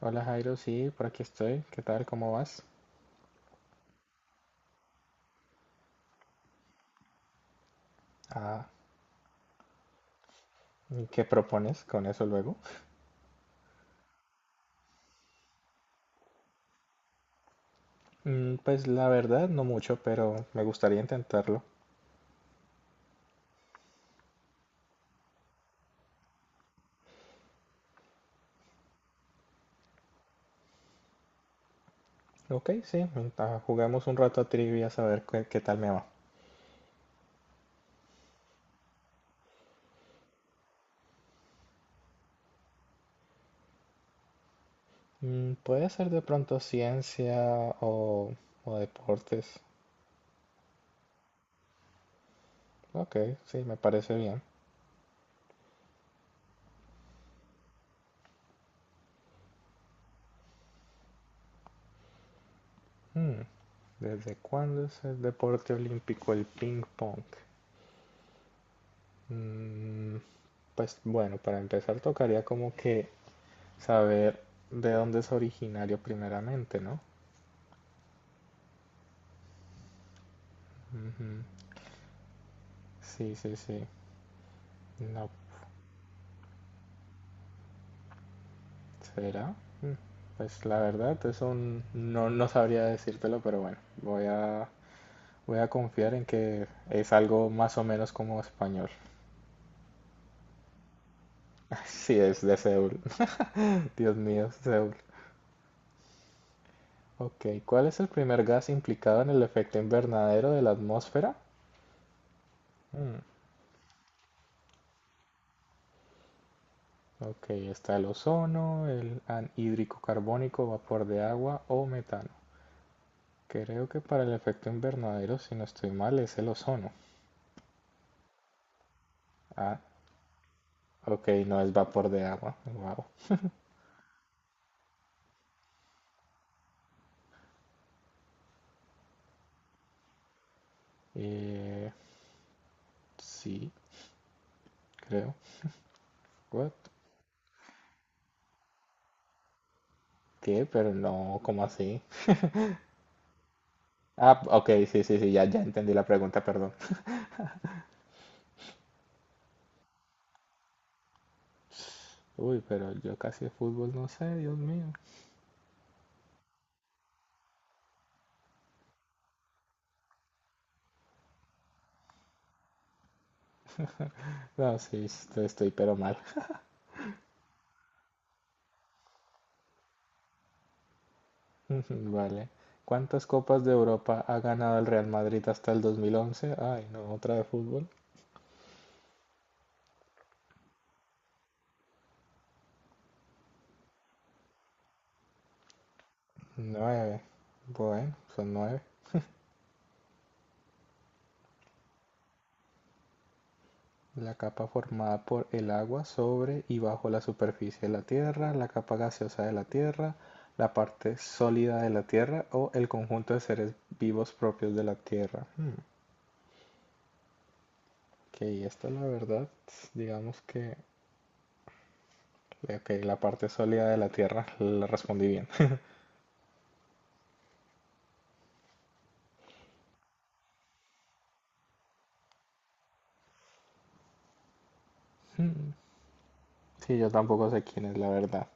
Hola Jairo, sí, por aquí estoy. ¿Qué tal? ¿Cómo vas? Ah, ¿y qué propones con eso luego? Pues la verdad, no mucho, pero me gustaría intentarlo. Ok, sí, juguemos un rato a trivia a ver qué tal me va. Puede ser de pronto ciencia o, o deportes. Ok, sí, me parece bien. Mm, ¿desde cuándo es el deporte olímpico el ping pong? Mm, pues bueno, para empezar tocaría como que saber de dónde es originario primeramente, ¿no? Ujú. Sí, sí, sí. No, ¿será? Mm, Pues la verdad, eso no sabría decírtelo, pero bueno, voy a, voy a confiar en que es algo más o menos como español. Sí, es de Seúl. Dios mío, Seúl. Ok, ¿cuál es el primer gas implicado en el efecto invernadero de la atmósfera? Mm, ok, está el ozono, el anhídrico carbónico, vapor de agua o metano. Creo que para el efecto invernadero, si no estoy mal, es el ozono. Ah, ok, no es vapor de agua. Wow. Eh, sí, creo. What? ¿Qué? Pero no, ¿cómo así? Ah, ok, sí, sí, sí, ya, ya entendí la pregunta, perdón. Uy, pero yo casi de fútbol no sé, Dios mío. No, sí, estoy pero mal. Vale. ¿Cuántas copas de Europa ha ganado el Real Madrid hasta el 2011? Ay, no, otra de fútbol. Nueve. Bueno, son nueve. La capa formada por el agua sobre y bajo la superficie de la Tierra, la capa gaseosa de la Tierra, la parte sólida de la Tierra o el conjunto de seres vivos propios de la Tierra. Ok, esta la verdad, digamos que okay la parte sólida de la Tierra la respondí bien. Sí, yo tampoco sé quién es la verdad.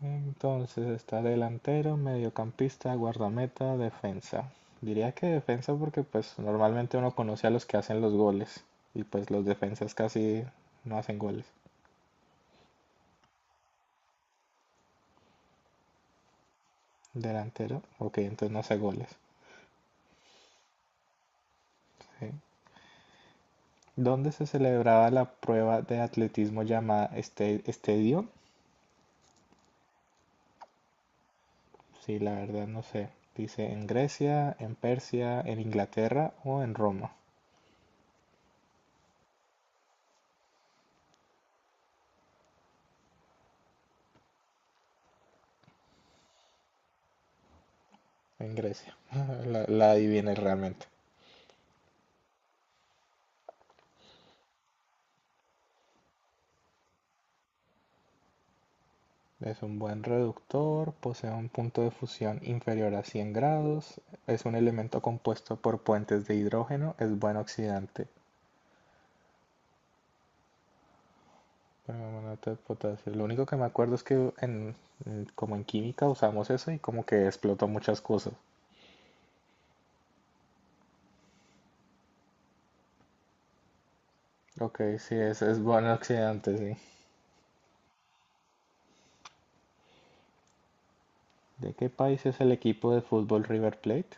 Entonces está delantero, mediocampista, guardameta, defensa. Diría que defensa porque pues normalmente uno conoce a los que hacen los goles y pues los defensas casi no hacen goles. Delantero, ok, entonces no hace goles. Sí. ¿Dónde se celebraba la prueba de atletismo llamada este, estadio? Sí, la verdad no sé. Dice en Grecia, en Persia, en Inglaterra o en Roma. En Grecia. La adiviné realmente. Es un buen reductor, posee un punto de fusión inferior a 100 grados, es un elemento compuesto por puentes de hidrógeno, es buen oxidante. Permanganato de potasio. Lo único que me acuerdo es que en, como en química usamos eso y como que explotó muchas cosas. Ok, sí, es buen oxidante, sí. ¿De qué país es el equipo de fútbol River Plate?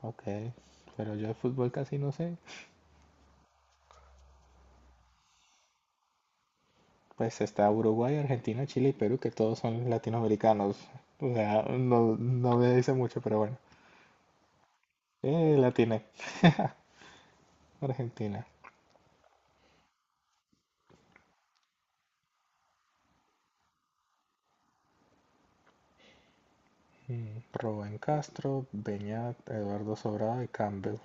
Ok, pero yo de fútbol casi no sé. Pues está Uruguay, Argentina, Chile y Perú, que todos son latinoamericanos. O sea, no, no me dice mucho, pero bueno. Eh, Latina, Argentina. Rubén Castro, Beñat, Eduardo Sobrado y Campbell.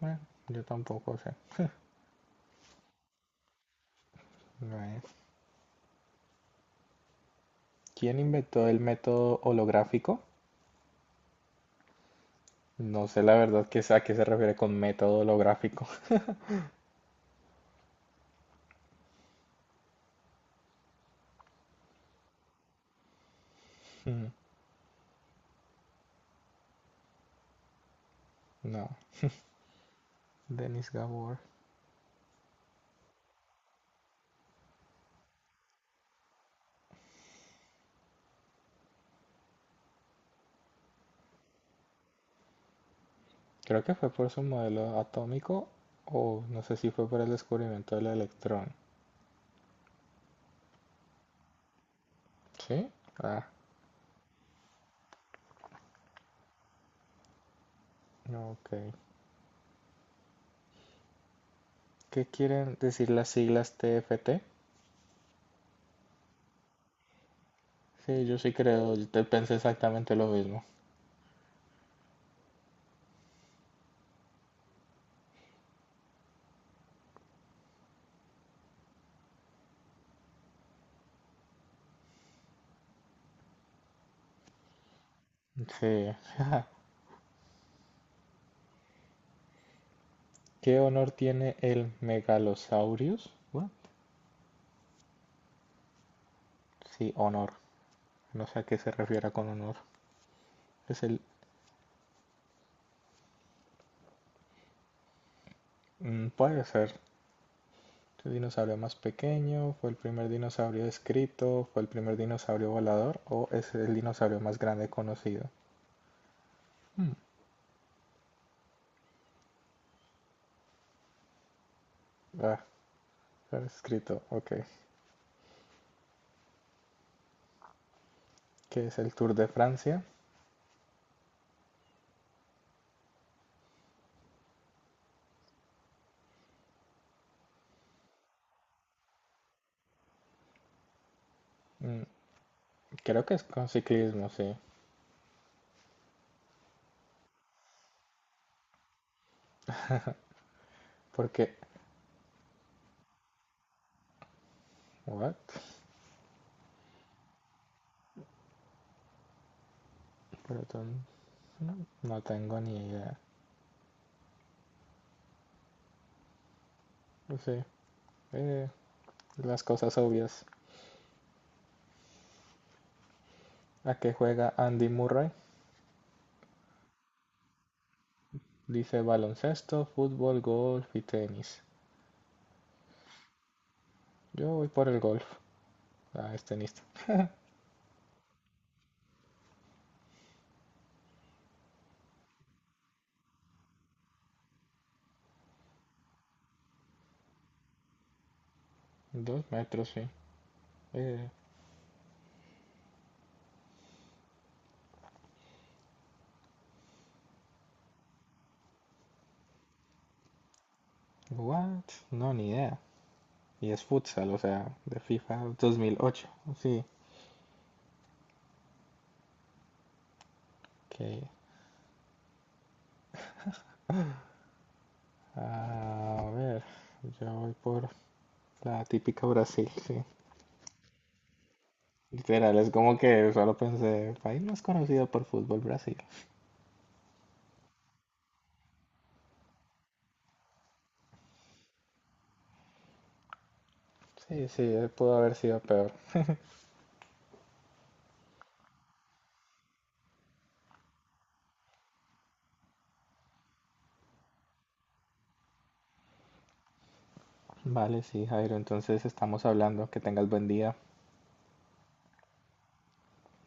Bueno, yo tampoco sé. No es. ¿Quién inventó el método holográfico? No sé la verdad que es- a qué se refiere con método holográfico. Mm, No, Denis Gabor. Creo que fue por su modelo atómico o no sé si fue por el descubrimiento del electrón. ¿Sí? Ah, ok. ¿Qué quieren decir las siglas T F T? Sí, yo sí creo, yo te pensé exactamente lo mismo. Sí. ¿Qué honor tiene el Megalosaurus? What? Sí, honor. No sé a qué se refiere con honor. Es el... Puede ser. El dinosaurio más pequeño, fue el primer dinosaurio escrito, fue el primer dinosaurio volador o es el dinosaurio más grande conocido. Hmm, Ah, escrito, ok. ¿Qué es el Tour de Francia? Mm, creo que es con ciclismo, sí. Porque, what? Pero no tengo ni idea. Sí, eh, las cosas obvias. ¿A qué juega Andy Murray? Dice baloncesto, fútbol, golf y tenis. Yo voy por el golf. Ah, es tenista. 2 metros, sí. Eh, what? No, ni idea. Y es futsal, o sea, de FIFA 2008. Sí, que... A ver, yo voy por la típica Brasil, sí. Literal, es como que solo pensé, país más conocido por fútbol, Brasil. Sí, sí, pudo haber sido peor. Vale, sí, Jairo, entonces estamos hablando. Que tengas buen día.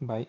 Bye.